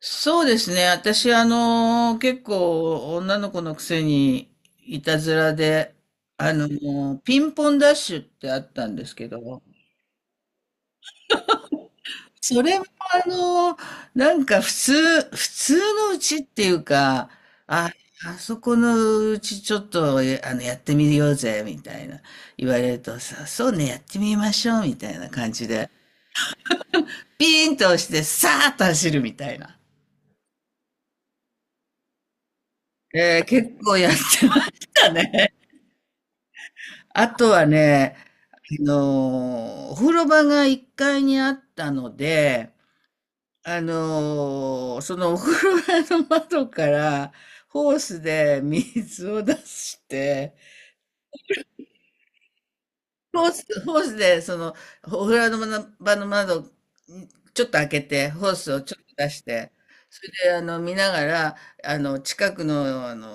そうですね。私、結構女の子のくせにいたずらで、ピンポンダッシュってあったんですけど、それもあの、なんか普通のうちっていうか、あ、あそこのうちちょっと、えあの、やってみようぜ、みたいな言われるとさ、そうね、やってみましょう、みたいな感じで、ピーンと押して、さーっと走るみたいな。結構やってましたね。あとはね、お風呂場が1階にあったので、そのお風呂場の窓からホースで水を出して、ホースでそのお風呂場の窓、ちょっと開けて、ホースをちょっと出して、それで見ながら、近くの、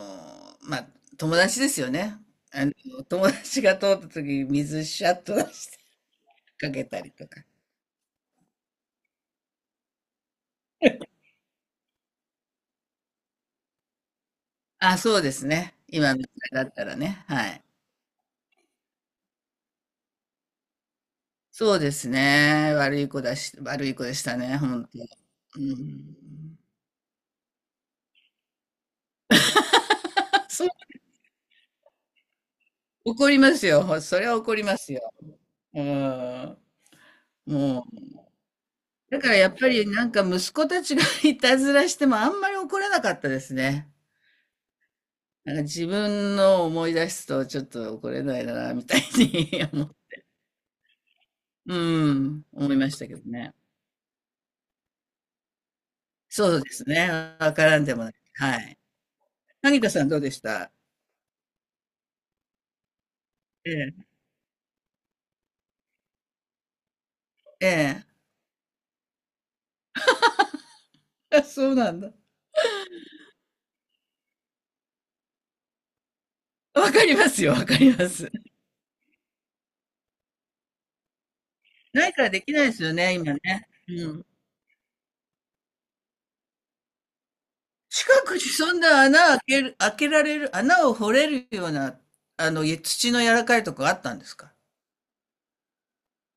まあ、友達ですよね。あの友達が通った時に水シャッと出してかけたりとか。あ、そうですね。今の時代だったらね、はい。そうですね。悪い子だし悪い子でしたね、本当。うん。そう、怒りますよ。それは怒りますよ。うーん。もう、だからやっぱりなんか息子たちが いたずらしてもあんまり怒らなかったですね。なんか自分の思い出すとちょっと怒れないなみたいに 思う、うーん、思いましたけどね。そうですね、わからんでもない。はい。萩田さんどうでした？ええ、ええ。あ、そうなんだ。わかりますよ、わかります。ないからできないですよね、今ね。うん。近くにそんな穴開ける、開けられる、穴を掘れるような、い土の柔らかいとこあったんですか？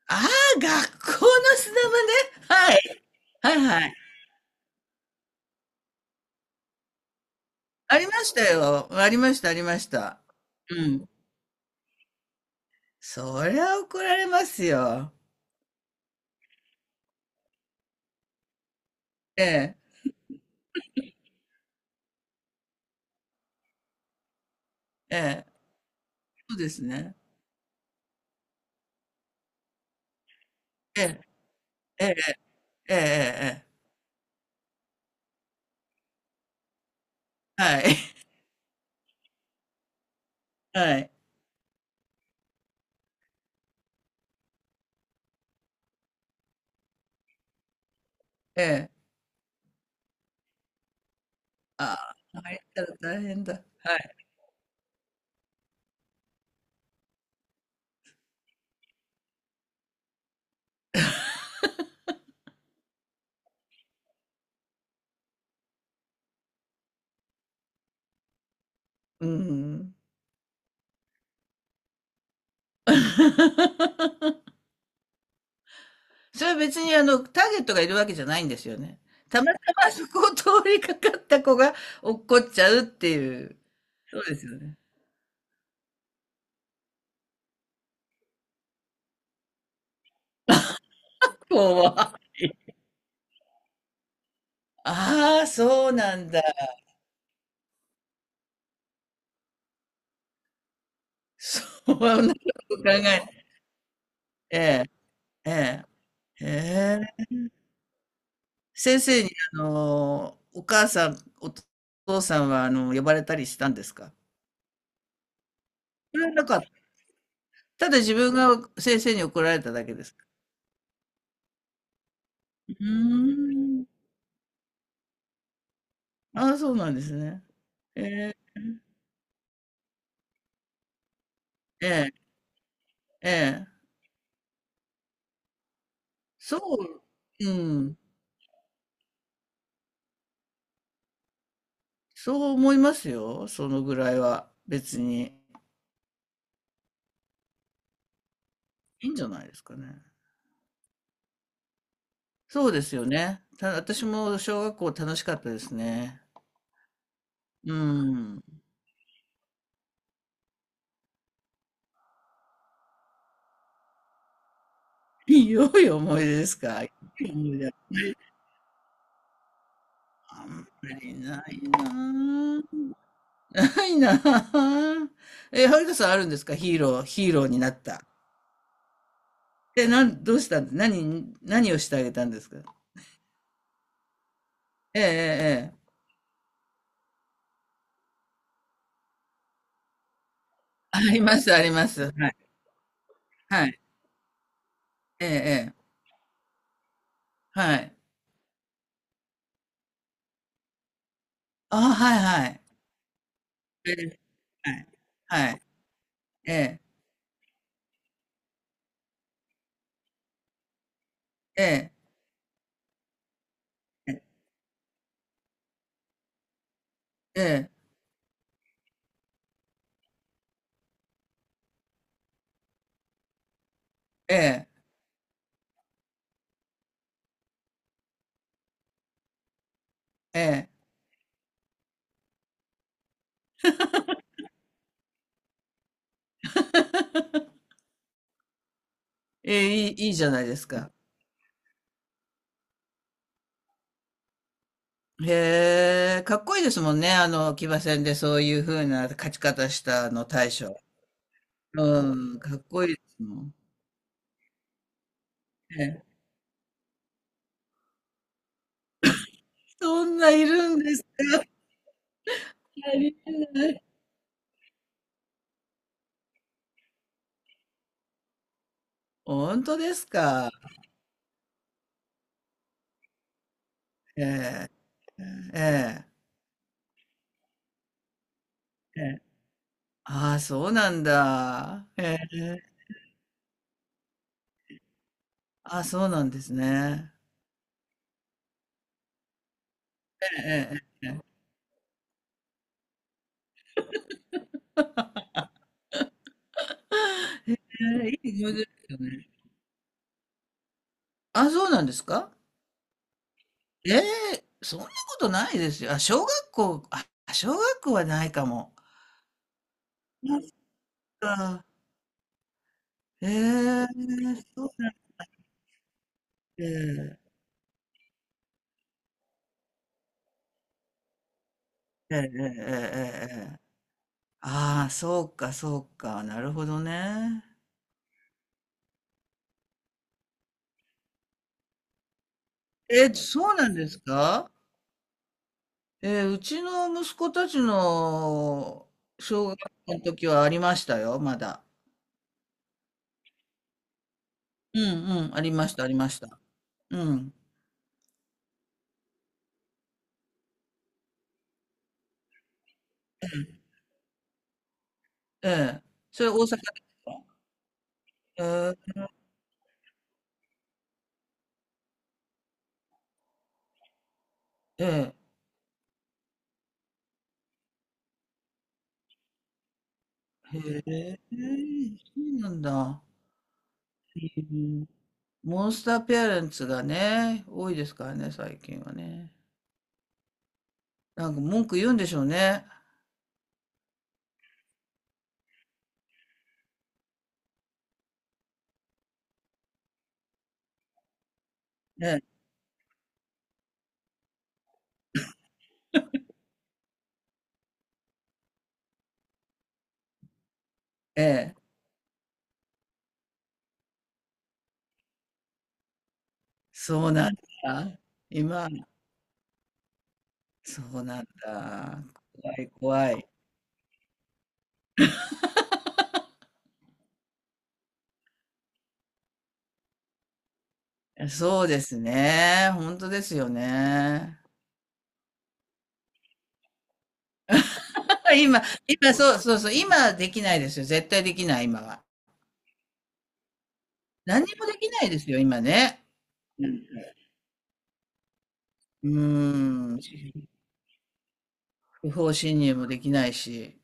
ああ、学校の砂場ね。はい。はいはい。ありましたよ。ありました、ありました。うん。そりゃ怒られますよ。ええ、ええ。そうですね。ええ、ええ、ええ、ええ。ええ。はい。はい。ええ。ああ、入ったら大変だ。はい。うん。それは別にターゲットがいるわけじゃないんですよね。たまたまそこを通りかかった子が落っこっちゃうっていう。そうですよね。こうは。ああ、そうなんだ。そうは、なんか考え。ええ、ええ、ええ。先生にお母さん、お父さんは呼ばれたりしたんですか？それはなか、ただ自分が先生に怒られただけです。うーん。ああ、そうなんですね。ええ、ええ、ええ。そう、うん。そう思いますよ、そのぐらいは。別に。いいんじゃないですかね。そうですよね。た、私も小学校楽しかったですね。うん。良い思い出ですか？良い思い出、あんまりないなぁ。ないなぁ。え、はるかさんあるんですか？ヒーロー、ヒーローになった。で、なん、どうしたんです、何、何をしてあげたんですか？ええええええ。ありますあります。はい。はい。ええええ。はい。ああ、はいはい。ええ。はい。はい。ええ。ええ。ええ。ええ。ええ。ええ、いい、いいじゃないですか。へえ、かっこいいですもんね、騎馬戦でそういう風な勝ち方したあの大将。うん、かっこいいですもん。ええ。そんないるんですか？足りない。本当ですか？ええ、ええ、ええ。ああ、そうなんだ。ええ、ああ、そうなんですね。ええ、ええ、いい思い出ですよね。あ、そうなんですか？ええ、そんなことないですよ。あ、小学校、あ、小学校はないかも。なんか、ええ、そう、ええ、ええ、ええ、ええ。ああ、そうか、そうか。なるほどね。え、そうなんですか？えー、うちの息子たちの小学校の時はありましたよ、まだ。うんうん、ありました、ありました。うん。ええ。それ大阪ですか？ええ、ええ、へえ、そうなんだ。うん、モンスターペアレンツがね、多いですからね、最近はね。なんか文句言うんでしょうね。ええ、ええ、そうなんだ。今、そうなんだ。怖い、怖い。え、そうですね。本当ですよね。今、今、そうそうそう、今できないですよ。絶対できない、今は。何にもできないですよ、今ね。うーん。不法侵入もできないし。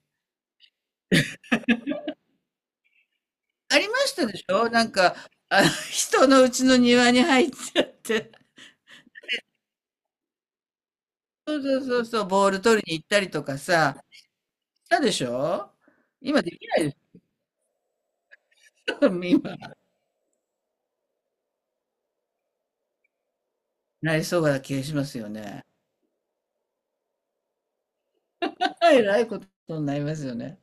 ありましたでしょなんか、人の家の庭に入っちゃって。そうそうそうそう、ボール取りに行ったりとかさ、したでしょ？今できないですよ、今。なりそうな気がしますよね。えらいことになりますよね。